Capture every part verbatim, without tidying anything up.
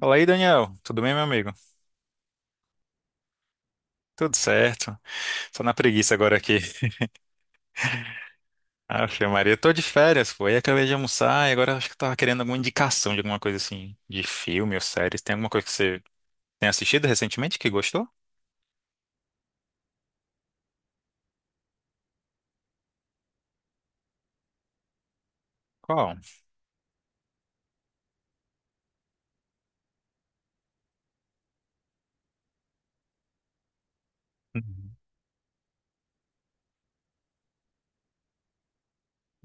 Fala aí, Daniel. Tudo bem, meu amigo? Tudo certo. Só na preguiça agora aqui. Aff, Maria, eu tô de férias, pô. Aí acabei de almoçar e agora acho que eu tava querendo alguma indicação de alguma coisa assim, de filme ou séries. Tem alguma coisa que você tem assistido recentemente que gostou? Qual? Uhum.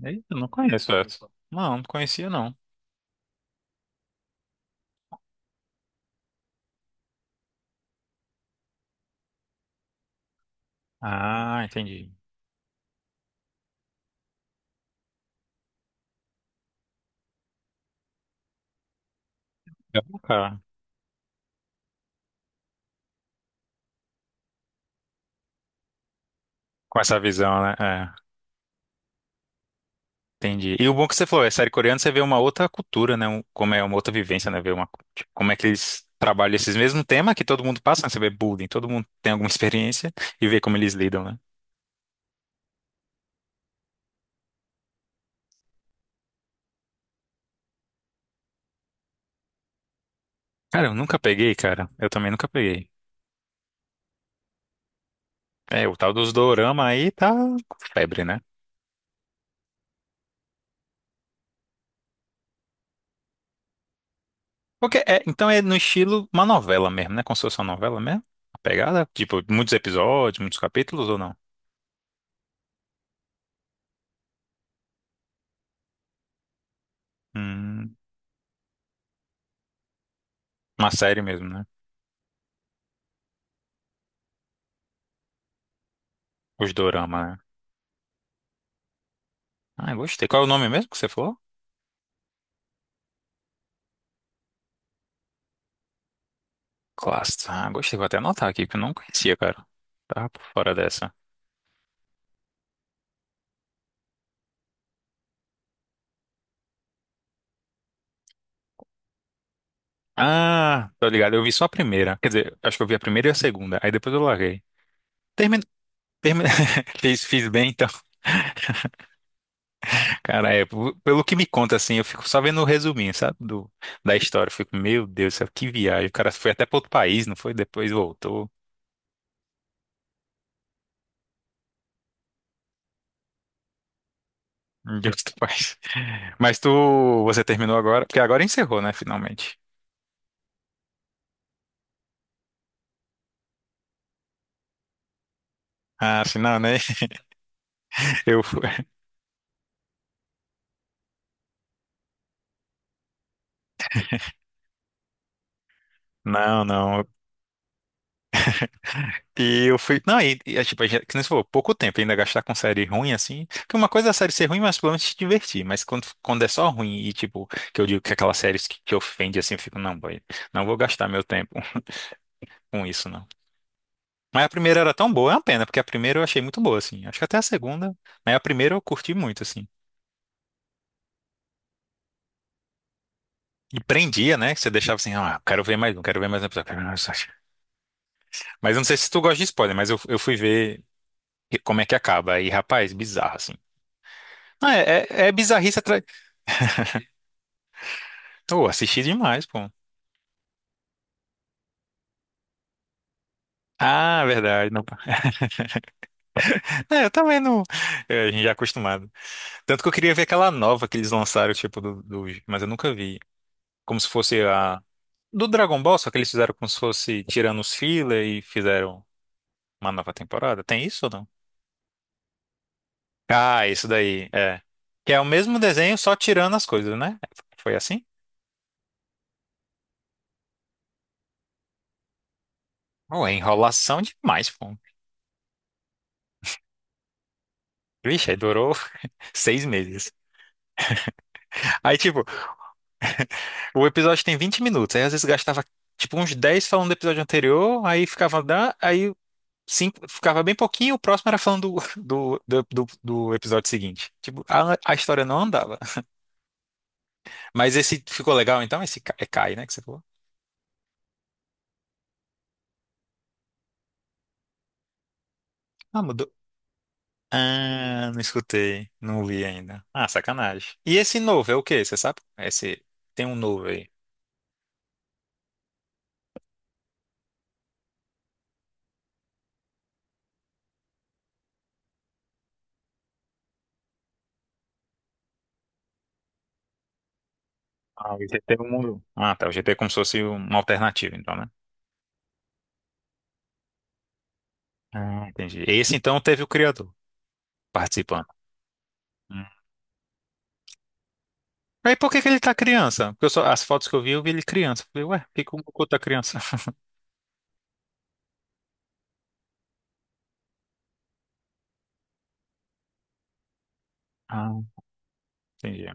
Eita, não conheço essa. Não, não conhecia não. Ah, entendi. Já vou cá. Com essa visão, né? É. Entendi. E o bom que você falou, é série coreana, você vê uma outra cultura, né? Um- como é uma outra vivência, né? Ver uma, tipo, como é que eles trabalham esses mesmos temas que todo mundo passa, né? Você vê bullying, todo mundo tem alguma experiência e vê como eles lidam, né? Cara, eu nunca peguei, cara. Eu também nunca peguei. É, o tal dos dorama aí tá com febre, né? Porque é, então é no estilo uma novela mesmo, né? Como se fosse uma novela mesmo? A pegada? Tipo, muitos episódios, muitos capítulos ou não? Hum, uma série mesmo, né? Os dorama, né? Ah, eu gostei. Qual é o nome mesmo que você falou? Classe, ah, gostei. Vou até anotar aqui, porque eu não conhecia, cara. Tava por fora dessa. Ah, tô ligado. Eu vi só a primeira. Quer dizer, acho que eu vi a primeira e a segunda. Aí depois eu larguei. Termin... termin- Fiz, fiz bem, então. Cara, é, p- pelo que me conta, assim, eu fico só vendo o resuminho, sabe? Do, da história. Eu fico, meu Deus do céu, que viagem. O cara foi até pra outro país, não foi? Depois voltou. Meu Deus do país. Mas tu, você terminou agora? Porque agora encerrou, né? Finalmente. Ah, afinal, né? Eu fui. Não, não. E eu fui. Não, e, e é tipo, a gente, que nem você falou, pouco tempo ainda gastar com série ruim, assim. Porque uma coisa é a série ser ruim, mas pelo menos te divertir. Mas quando, quando é só ruim e, tipo, que eu digo que aquelas séries que, que ofende, assim, eu fico, não, boy, não vou gastar meu tempo com isso, não. Mas a primeira era tão boa, é uma pena, porque a primeira eu achei muito boa, assim. Acho que até a segunda, mas a primeira eu curti muito, assim. E prendia, né? Que você deixava assim, ah, quero ver mais um, quero ver mais um episódio, quero ver mais um episódio. Mas eu não sei se tu gosta de spoiler, mas eu, eu fui ver como é que acaba. E, rapaz, bizarro, assim. Ah, é, é é bizarrice atrás. Oh, assisti demais, pô. Ah, verdade. Não... É, eu também não. É, a gente já é acostumado. Tanto que eu queria ver aquela nova que eles lançaram, tipo, do, do- mas eu nunca vi. Como se fosse a. Do Dragon Ball, só que eles fizeram como se fosse tirando os filler e fizeram uma nova temporada. Tem isso ou não? Ah, isso daí. É. Que é o mesmo desenho, só tirando as coisas, né? Foi assim? Oh, é enrolação demais, pô. Vixe, aí durou seis meses. Aí, tipo, o episódio tem vinte minutos, aí às vezes gastava tipo uns dez falando do episódio anterior, aí ficava, da- aí cinco, ficava bem pouquinho, o próximo era falando do, do, do, do- do episódio seguinte. Tipo, a, a história não andava. Mas esse ficou legal então? Esse Ca- é Kai, né, que você falou? Ah, mudou. Ah, não escutei, não vi ainda. Ah, sacanagem. E esse novo é o quê? Você sabe? Esse tem um novo aí. Ah, o G T do mundo. Ah, tá. O G T é como se fosse uma alternativa, então, né? Ah, entendi. Esse então teve o criador participando. Aí por que que ele tá criança? Porque eu só- as fotos que eu vi, eu vi ele criança. Eu falei, ué, por que que o Goku tá criança? Ah, entendi.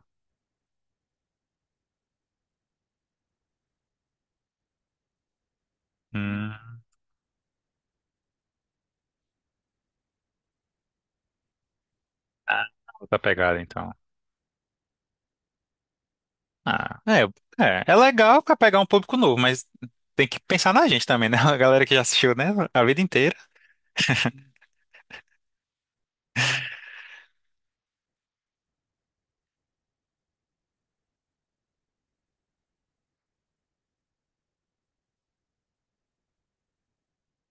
Hum. Ah, outra pegada, então. Ah, é, é, é legal pra pegar um público novo, mas tem que pensar na gente também, né? A galera que já assistiu, né? A vida inteira.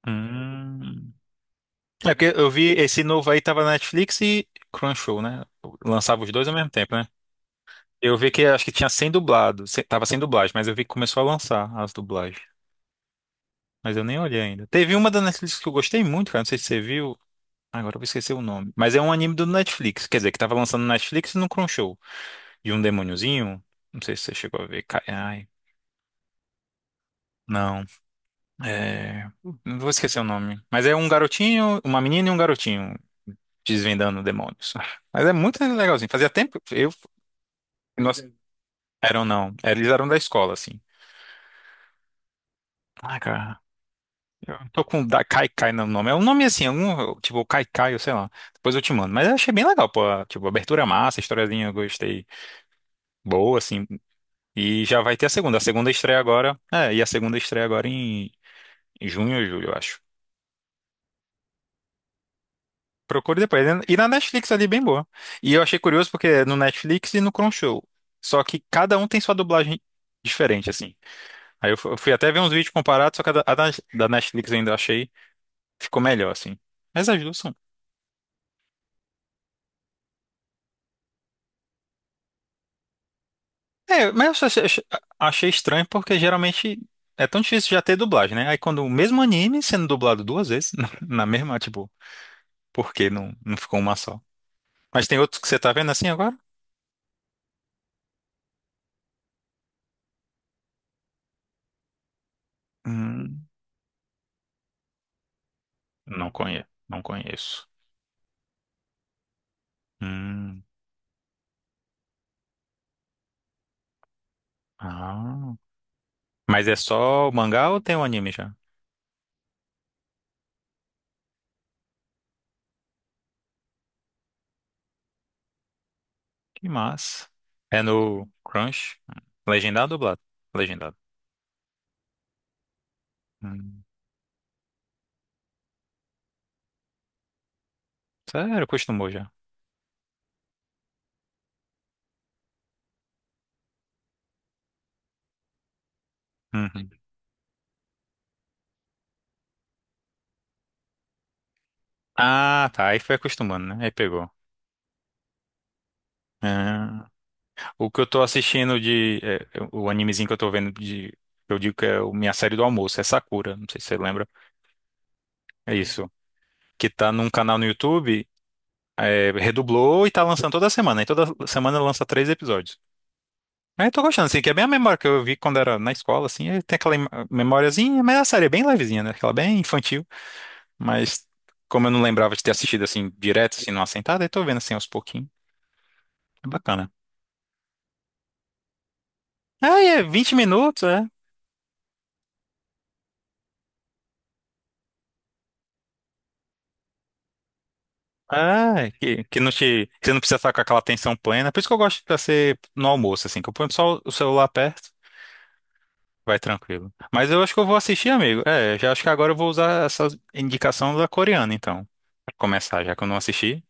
Hum. É porque eu vi esse novo aí, tava na Netflix e Crunchyroll, né? Lançava os dois ao mesmo tempo, né? Eu vi que acho que tinha sem dublado, se- tava sem dublagem, mas eu vi que começou a lançar as dublagens. Mas eu nem olhei ainda. Teve uma da Netflix que eu gostei muito, cara. Não sei se você viu. Agora eu vou esquecer o nome. Mas é um anime do Netflix. Quer dizer, que tava lançando no Netflix e no Crunchyroll. De um demôniozinho. Não sei se você chegou a ver. Ca- Ai. Não. É... Não vou esquecer o nome. Mas é um garotinho, uma menina e um garotinho desvendando demônios. Mas é muito legalzinho. Fazia tempo. Eu. Nossa. Eram não. Eles eram da escola, assim. Ah, cara. Eu tô com da Kai Kai no nome. É um nome assim, algum, tipo Kai Kai, eu sei lá. Depois eu te mando. Mas eu achei bem legal, pô. Tipo, abertura massa, historiazinha, eu gostei. Boa, assim. E já vai ter a segunda. A segunda estreia agora. É, e a segunda estreia agora em em junho ou julho, eu acho. Procure depois. E na Netflix ali, bem boa. E eu achei curioso porque é no Netflix e no Crunchyroll. Só que cada um tem sua dublagem diferente, assim. Aí eu fu- eu fui até ver uns vídeos comparados, só que a da, a da da Netflix ainda eu achei ficou melhor, assim. Mas as duas são... É, mas eu só- eu achei estranho porque geralmente é tão difícil já ter dublagem, né? Aí quando o mesmo anime sendo dublado duas vezes, na, na mesma, tipo, por que não, não ficou uma só? Mas tem outros que você tá vendo assim agora? Hum, não conheço, não conheço. Hum, ah. Mas é só o mangá ou tem o anime já? Que massa. É no Crunch? Legendado ou dublado? Legendado. Hum, sério, acostumou já. Uhum. Ah, tá. Aí foi acostumando, né? Aí pegou. Ah. O que eu tô assistindo de... é, o animezinho que eu tô vendo de... Eu digo que é o- minha série do almoço, é Sakura, não sei se você lembra. É isso. Que tá num canal no YouTube, é, redublou e tá lançando toda semana. E toda semana lança três episódios. Aí eu tô gostando, assim, que é bem a memória que eu vi quando era na escola, assim, aí tem aquela im- memóriazinha, mas a série é bem levezinha, né? Aquela bem infantil. Mas como eu não lembrava de ter assistido assim, direto, assim, numa sentada, aí tô vendo assim aos pouquinhos. É bacana. Ah, é vinte minutos, é. Ah, que, que não te, você não precisa estar com aquela atenção plena. Por isso que eu gosto de ser no almoço, assim, que eu ponho só o celular perto, vai tranquilo. Mas eu acho que eu vou assistir, amigo. É, já acho que agora eu vou usar essa indicação da coreana, então. Pra começar, já que eu não assisti.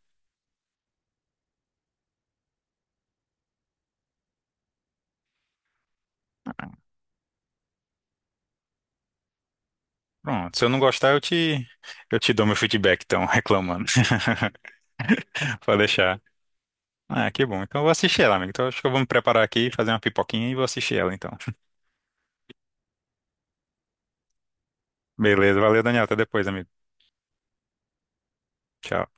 Pronto, se eu não gostar, eu te, eu te dou meu feedback, então, reclamando. Pode deixar. Ah, que bom. Então eu vou assistir ela, amigo. Então acho que eu vou me preparar aqui, fazer uma pipoquinha e vou assistir ela, então. Beleza, valeu, Daniel. Até depois, amigo. Tchau.